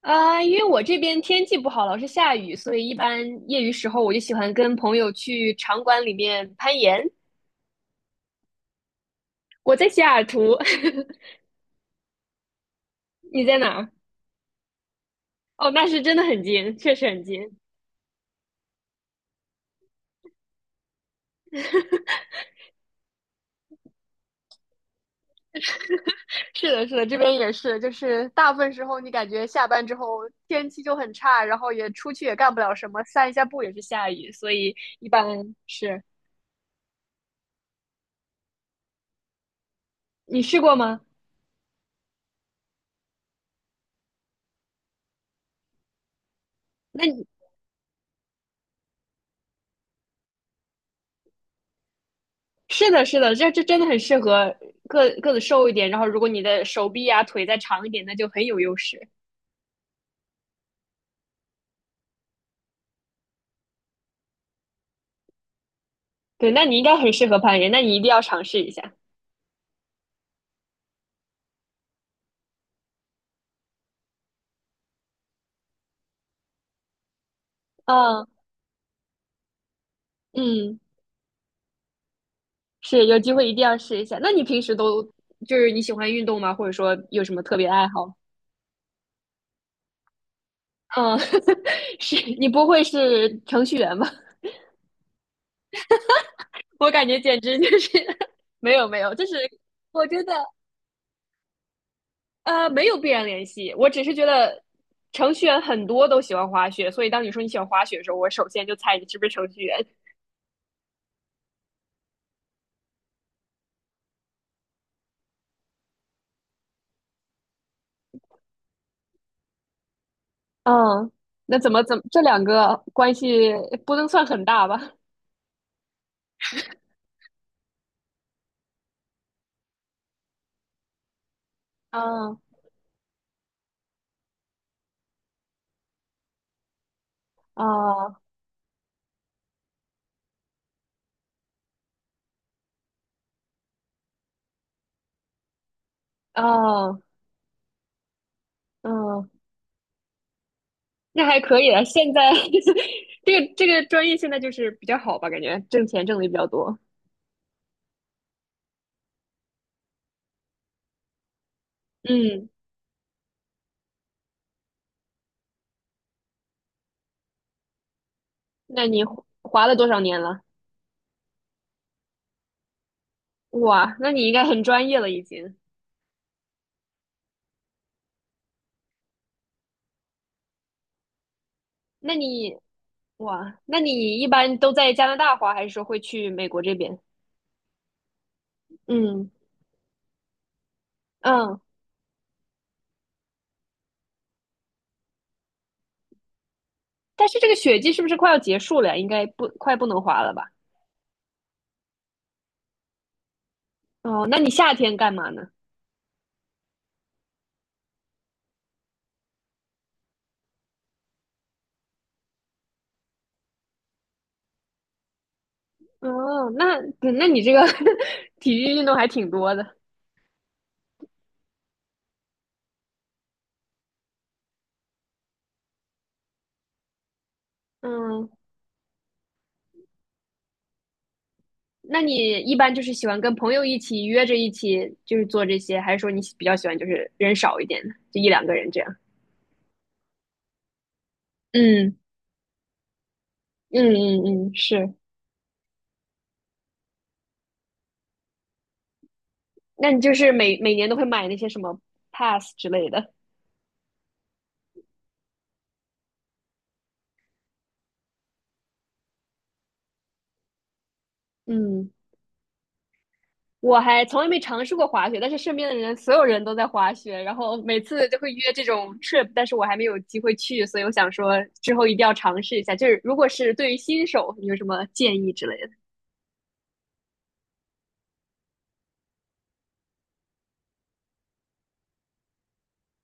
啊，因为我这边天气不好，老是下雨，所以一般业余时候我就喜欢跟朋友去场馆里面攀岩。我在西雅图。你在哪儿？哦，那是真的很近，确实很近。是的，是的，这边也是，就是大部分时候你感觉下班之后天气就很差，然后也出去也干不了什么，散一下步也是下雨，所以一般是。你试过吗？那你是的，是的，这真的很适合个子瘦一点，然后如果你的手臂啊腿再长一点，那就很有优势。对，那你应该很适合攀岩，那你一定要尝试一下。嗯嗯，是，有机会一定要试一下。那你平时都就是你喜欢运动吗？或者说有什么特别爱好？嗯，是你不会是程序员吧？我感觉简直就是。 没有没有，就是我觉得没有必然联系，我只是觉得程序员很多都喜欢滑雪，所以当你说你喜欢滑雪的时候，我首先就猜你是不是程序员。嗯，那怎么这两个关系不能算很大吧？嗯，哦，哦，嗯，那还可以了。现在 这个专业现在就是比较好吧，感觉挣钱挣的也比较多。嗯，那你滑了多少年了？哇，那你应该很专业了已经。那你哇，那你一般都在加拿大滑，还是说会去美国这边？嗯嗯，但是这个雪季是不是快要结束了呀？应该不能滑了吧？哦，那你夏天干嘛呢？哦，那你这个 体育运动还挺多的。嗯，那你一般就是喜欢跟朋友一起约着一起就是做这些，还是说你比较喜欢就是人少一点的，就一两个人这样？嗯嗯嗯嗯，是。那你就是每年都会买那些什么 pass 之类的？嗯，我还从来没尝试过滑雪，但是身边的人所有人都在滑雪，然后每次就会约这种 trip,但是我还没有机会去，所以我想说之后一定要尝试一下。就是如果是对于新手，你有什么建议之类的？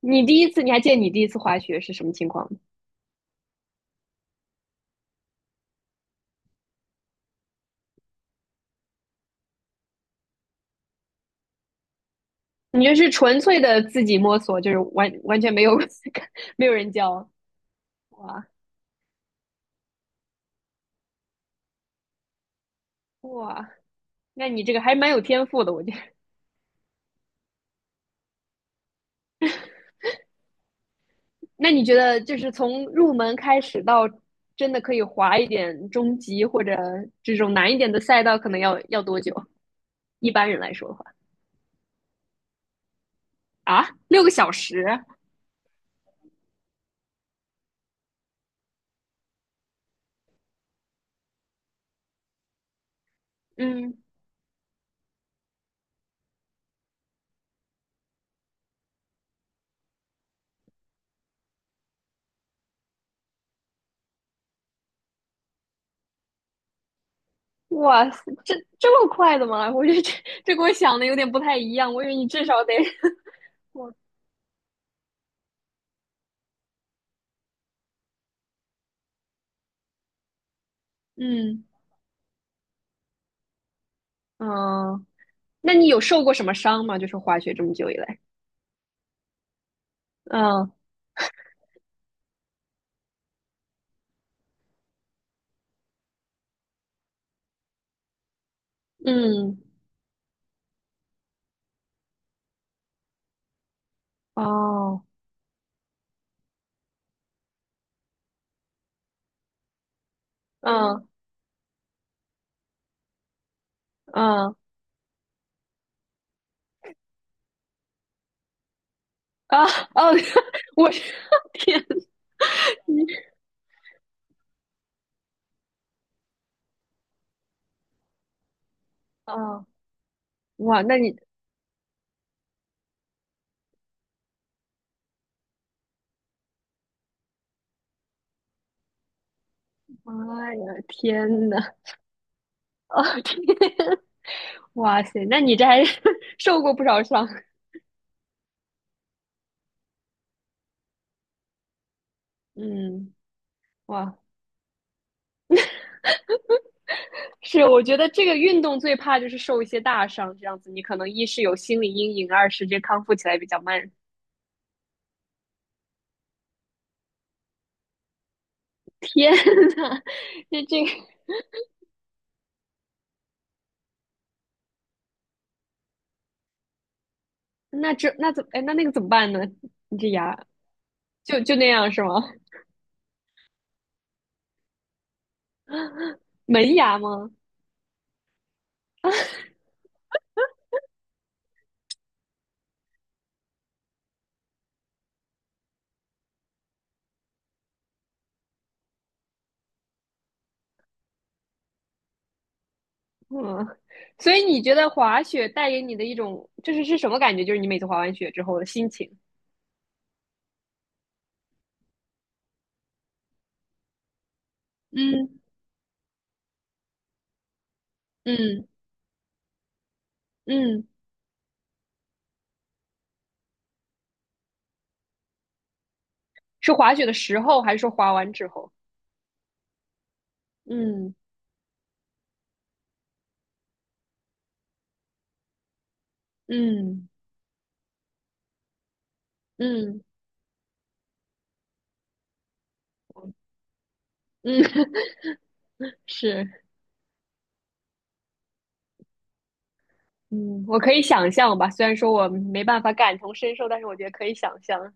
你还记得你第一次滑雪是什么情况吗？你就是纯粹的自己摸索，就是完完全没有 没有人教，哇哇，那你这个还蛮有天赋的，我觉得。那你觉得就是从入门开始到真的可以滑一点中级或者这种难一点的赛道，可能要多久？一般人来说的话。啊，6个小时，嗯，哇塞，这么快的吗？我觉得这跟我想的有点不太一样，我以为你至少得。我嗯嗯。那你有受过什么伤吗？就是滑雪这么久以来，嗯嗯，哦，嗯嗯，啊，哦。我。 天啊，哦，哇，那你。妈呀，天呐。哦天，哇塞，那你这还 受过不少伤。嗯，哇，是，我觉得这个运动最怕就是受一些大伤，这样子你可能一是有心理阴影，二是这康复起来比较慢。天呐，那这个那这那怎哎那那个怎么办呢？你这牙就那样是吗？门牙吗？嗯，所以你觉得滑雪带给你的一种，就是什么感觉？就是你每次滑完雪之后的心情？嗯嗯嗯，是滑雪的时候，还是说滑完之后？嗯嗯嗯嗯。是，嗯，我可以想象吧。虽然说我没办法感同身受，但是我觉得可以想象。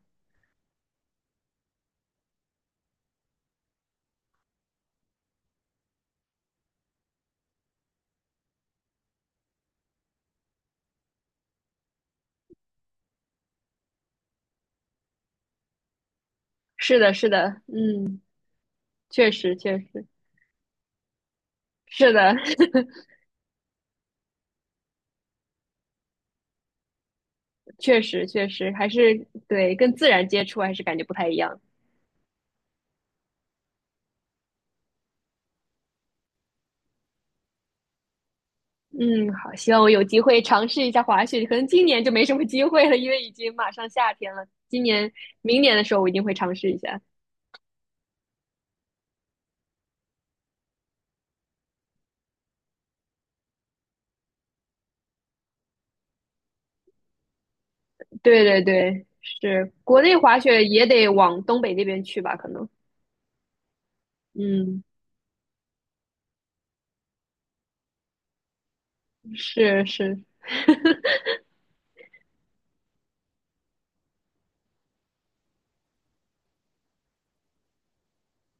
是的，是的，嗯，确实确实是的。确实确实，还是对跟自然接触还是感觉不太一样。嗯，好，希望我有机会尝试一下滑雪，可能今年就没什么机会了，因为已经马上夏天了。今年、明年的时候，我一定会尝试一下。对对对，是国内滑雪也得往东北那边去吧？可能，嗯，是是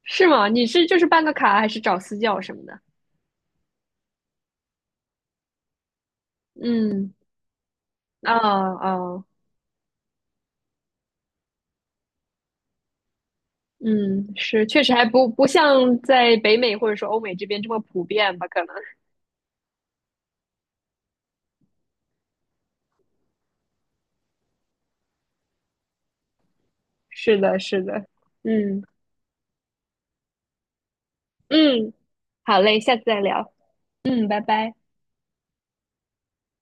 是吗？你是就是办个卡，还是找私教什么的？嗯，啊啊，嗯，是，确实还不像在北美或者说欧美这边这么普遍吧？可能。是的，是的，嗯嗯，好嘞，下次再聊，嗯，拜拜。